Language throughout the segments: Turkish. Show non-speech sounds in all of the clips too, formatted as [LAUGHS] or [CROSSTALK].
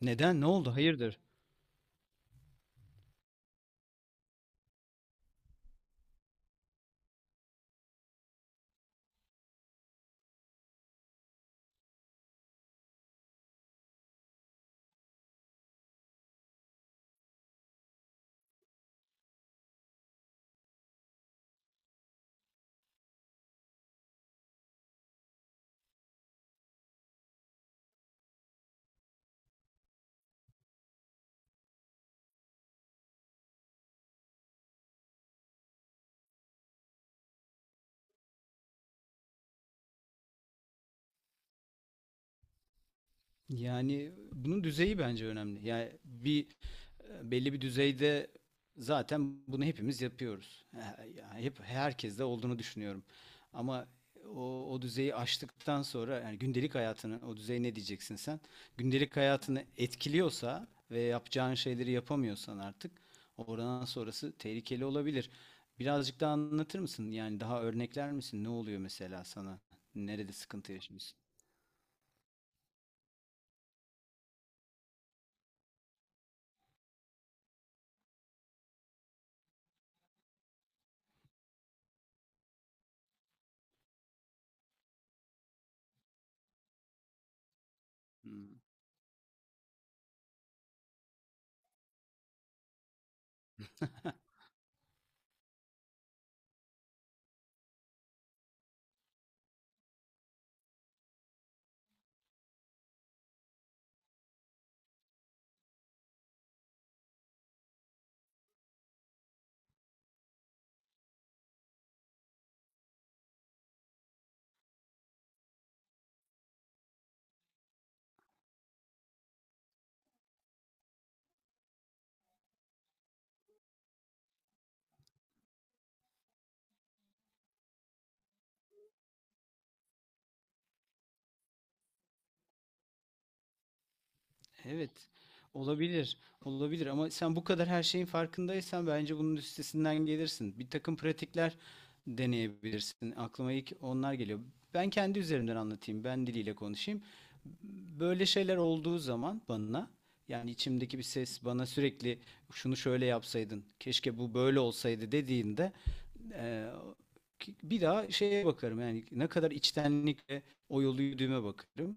Neden? Ne oldu? Hayırdır? Yani bunun düzeyi bence önemli. Belli bir düzeyde zaten bunu hepimiz yapıyoruz. Yani hep herkeste olduğunu düşünüyorum. Ama o düzeyi aştıktan sonra yani gündelik hayatını o düzey ne diyeceksin sen? Gündelik hayatını etkiliyorsa ve yapacağın şeyleri yapamıyorsan artık oradan sonrası tehlikeli olabilir. Birazcık daha anlatır mısın? Yani daha örnekler misin? Ne oluyor mesela sana? Nerede sıkıntı yaşıyorsun? Hmm. Evet, olabilir, olabilir ama sen bu kadar her şeyin farkındaysan bence bunun üstesinden gelirsin. Bir takım pratikler deneyebilirsin. Aklıma ilk onlar geliyor. Ben kendi üzerimden anlatayım, ben diliyle konuşayım. Böyle şeyler olduğu zaman bana, yani içimdeki bir ses bana sürekli şunu şöyle yapsaydın, keşke bu böyle olsaydı dediğinde eee, bir daha şeye bakarım yani ne kadar içtenlikle o yolu yürüdüğüme bakarım.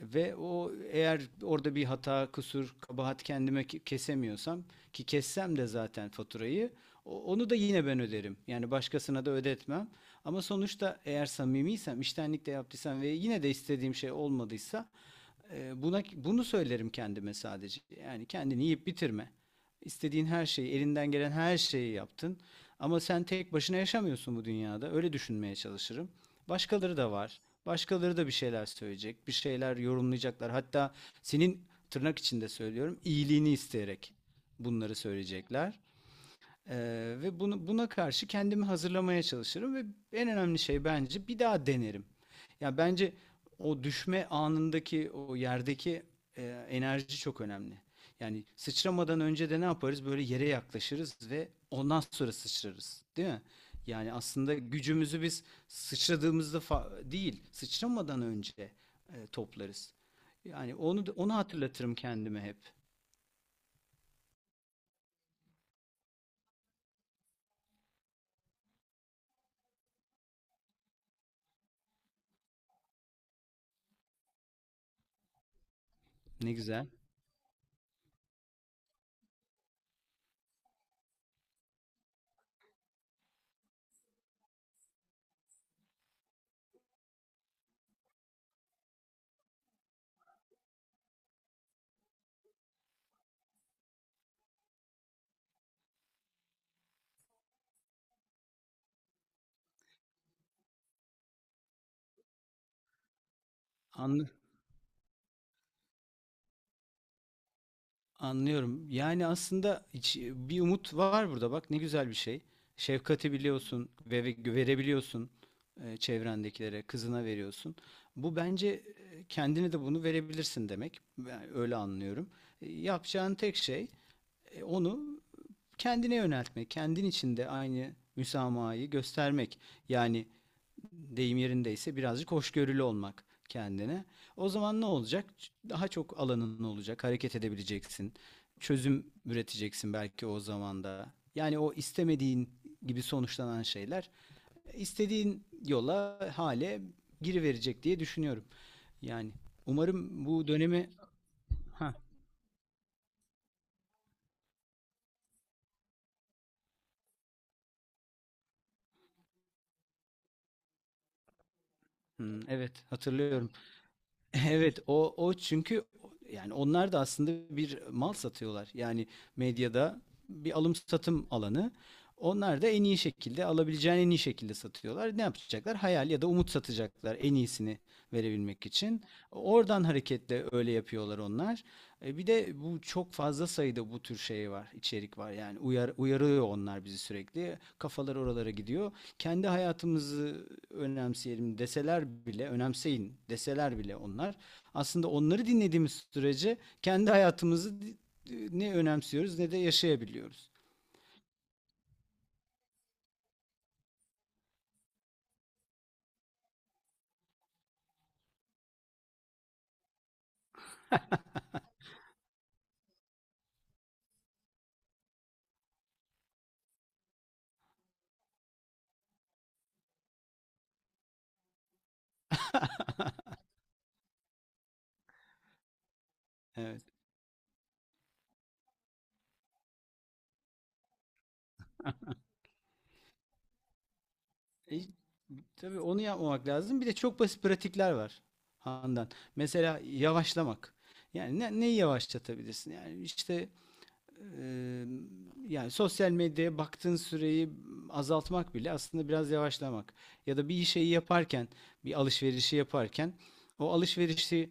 Ve o eğer orada bir hata, kusur, kabahat kendime kesemiyorsam ki kessem de zaten faturayı onu da yine ben öderim. Yani başkasına da ödetmem. Ama sonuçta eğer samimiysem, iştenlikle yaptıysam ve yine de istediğim şey olmadıysa buna bunu söylerim kendime sadece. Yani kendini yiyip bitirme. İstediğin her şeyi, elinden gelen her şeyi yaptın. Ama sen tek başına yaşamıyorsun bu dünyada. Öyle düşünmeye çalışırım. Başkaları da var. Başkaları da bir şeyler söyleyecek, bir şeyler yorumlayacaklar. Hatta senin tırnak içinde söylüyorum, iyiliğini isteyerek bunları söyleyecekler. Ve bunu, buna karşı kendimi hazırlamaya çalışırım ve en önemli şey bence bir daha denerim. Ya bence o düşme anındaki o yerdeki enerji çok önemli. Yani sıçramadan önce de ne yaparız? Böyle yere yaklaşırız ve ondan sonra sıçrarız, değil mi? Yani aslında gücümüzü biz sıçradığımızda değil, sıçramadan önce toplarız. Yani onu hatırlatırım kendime hep. Ne güzel. Anlı Anlıyorum. Yani aslında bir umut var burada bak ne güzel bir şey. Şefkati biliyorsun ve verebiliyorsun çevrendekilere, kızına veriyorsun. Bu bence kendine de bunu verebilirsin demek. Ben öyle anlıyorum. Yapacağın tek şey onu kendine yöneltmek, kendin içinde aynı müsamahayı göstermek. Yani deyim yerindeyse birazcık hoşgörülü olmak kendine. O zaman ne olacak? Daha çok alanın olacak, hareket edebileceksin. Çözüm üreteceksin belki o zaman da. Yani o istemediğin gibi sonuçlanan şeyler istediğin yola, hale giriverecek diye düşünüyorum. Yani umarım bu dönemi... Ha, hmm, evet hatırlıyorum. [LAUGHS] Evet o çünkü yani onlar da aslında bir mal satıyorlar. Yani medyada bir alım satım alanı. Onlar da en iyi şekilde alabileceğin en iyi şekilde satıyorlar. Ne yapacaklar? Hayal ya da umut satacaklar en iyisini verebilmek için. Oradan hareketle öyle yapıyorlar onlar. E bir de bu çok fazla sayıda bu tür şey var, içerik var. Yani uyarıyor onlar bizi sürekli. Kafalar oralara gidiyor. Kendi hayatımızı önemseyelim deseler bile, önemseyin deseler bile onlar. Aslında onları dinlediğimiz sürece kendi hayatımızı ne önemsiyoruz ne de yaşayabiliyoruz. Evet. E, tabii onu yapmamak lazım. Bir de çok basit pratikler var Handan. Mesela yavaşlamak. Yani neyi yavaşlatabilirsin? Eee, Yani sosyal medyaya baktığın süreyi azaltmak bile aslında biraz yavaşlamak. Ya da bir şeyi yaparken, bir alışverişi yaparken o alışverişi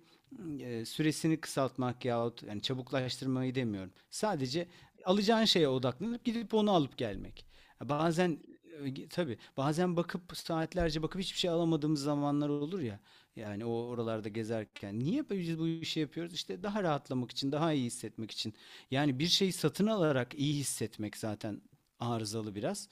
süresini kısaltmak yahut yani çabuklaştırmayı demiyorum. Sadece alacağın şeye odaklanıp gidip onu alıp gelmek. Bazen tabii bazen saatlerce bakıp hiçbir şey alamadığımız zamanlar olur ya. Yani o oralarda gezerken niye biz bu işi yapıyoruz? İşte daha rahatlamak için, daha iyi hissetmek için. Yani bir şeyi satın alarak iyi hissetmek zaten arızalı biraz.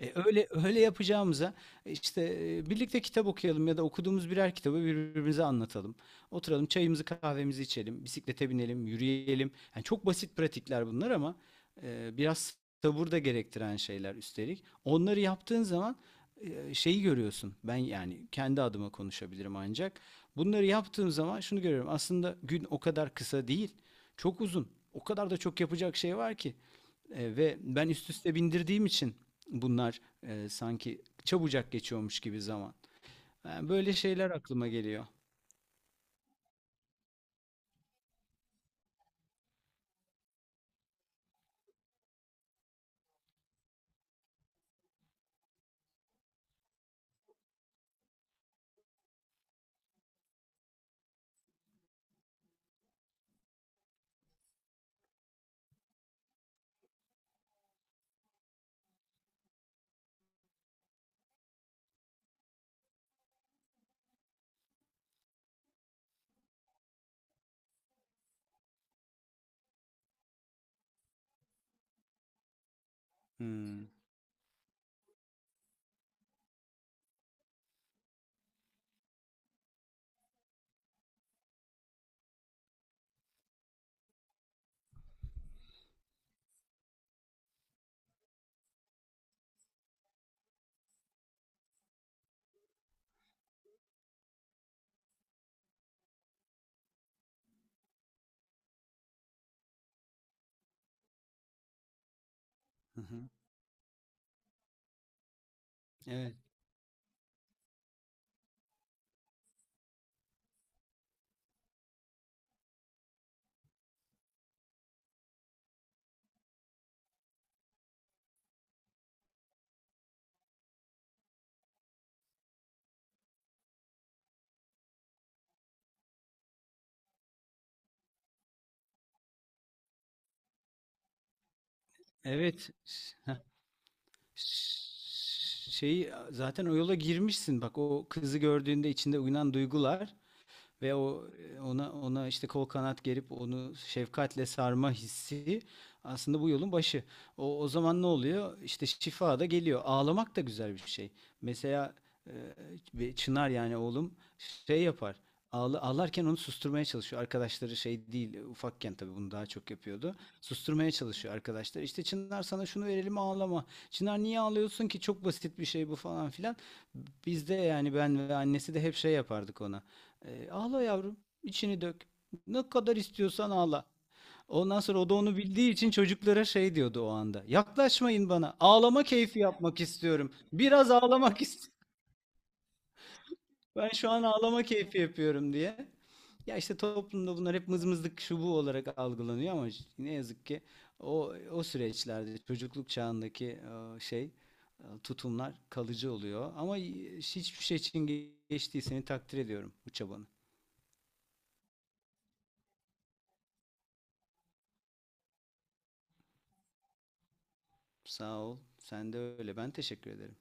Öyle yapacağımıza birlikte kitap okuyalım ya da okuduğumuz birer kitabı birbirimize anlatalım. Oturalım, çayımızı, kahvemizi içelim, bisiklete binelim, yürüyelim. Yani çok basit pratikler bunlar ama biraz sabır da gerektiren şeyler üstelik. Onları yaptığın zaman şeyi görüyorsun. Ben yani kendi adıma konuşabilirim ancak. Bunları yaptığım zaman şunu görüyorum. Aslında gün o kadar kısa değil. Çok uzun. O kadar da çok yapacak şey var ki. Ve ben üst üste bindirdiğim için bunlar sanki çabucak geçiyormuş gibi zaman. Yani böyle şeyler aklıma geliyor. Hmm. Hı hı. Evet. Evet. Ş- Şeyi zaten o yola girmişsin. Bak o kızı gördüğünde içinde uyanan duygular ve o ona işte kol kanat gerip onu şefkatle sarma hissi aslında bu yolun başı. O zaman ne oluyor? İşte şifa da geliyor. Ağlamak da güzel bir şey. Mesela e, Çınar yani oğlum şey yapar. Ağla, ağlarken onu susturmaya çalışıyor. Arkadaşları şey değil, ufakken tabii bunu daha çok yapıyordu. Susturmaya çalışıyor arkadaşlar. İşte Çınar sana şunu verelim ağlama. Çınar niye ağlıyorsun ki? Çok basit bir şey bu falan filan. Biz de yani ben ve annesi de hep şey yapardık ona. Ağla yavrum, içini dök. Ne kadar istiyorsan ağla. Ondan sonra o da onu bildiği için çocuklara şey diyordu o anda. Yaklaşmayın bana. Ağlama keyfi yapmak istiyorum. Biraz ağlamak istiyorum. Ben şu an ağlama keyfi yapıyorum diye. Ya işte toplumda bunlar hep mızmızlık şu bu olarak algılanıyor ama ne yazık ki o süreçlerde çocukluk çağındaki e, şey tutumlar kalıcı oluyor. Ama hiçbir şey için geçtiği seni takdir ediyorum bu çabanı. Sağ ol. Sen de öyle. Ben teşekkür ederim.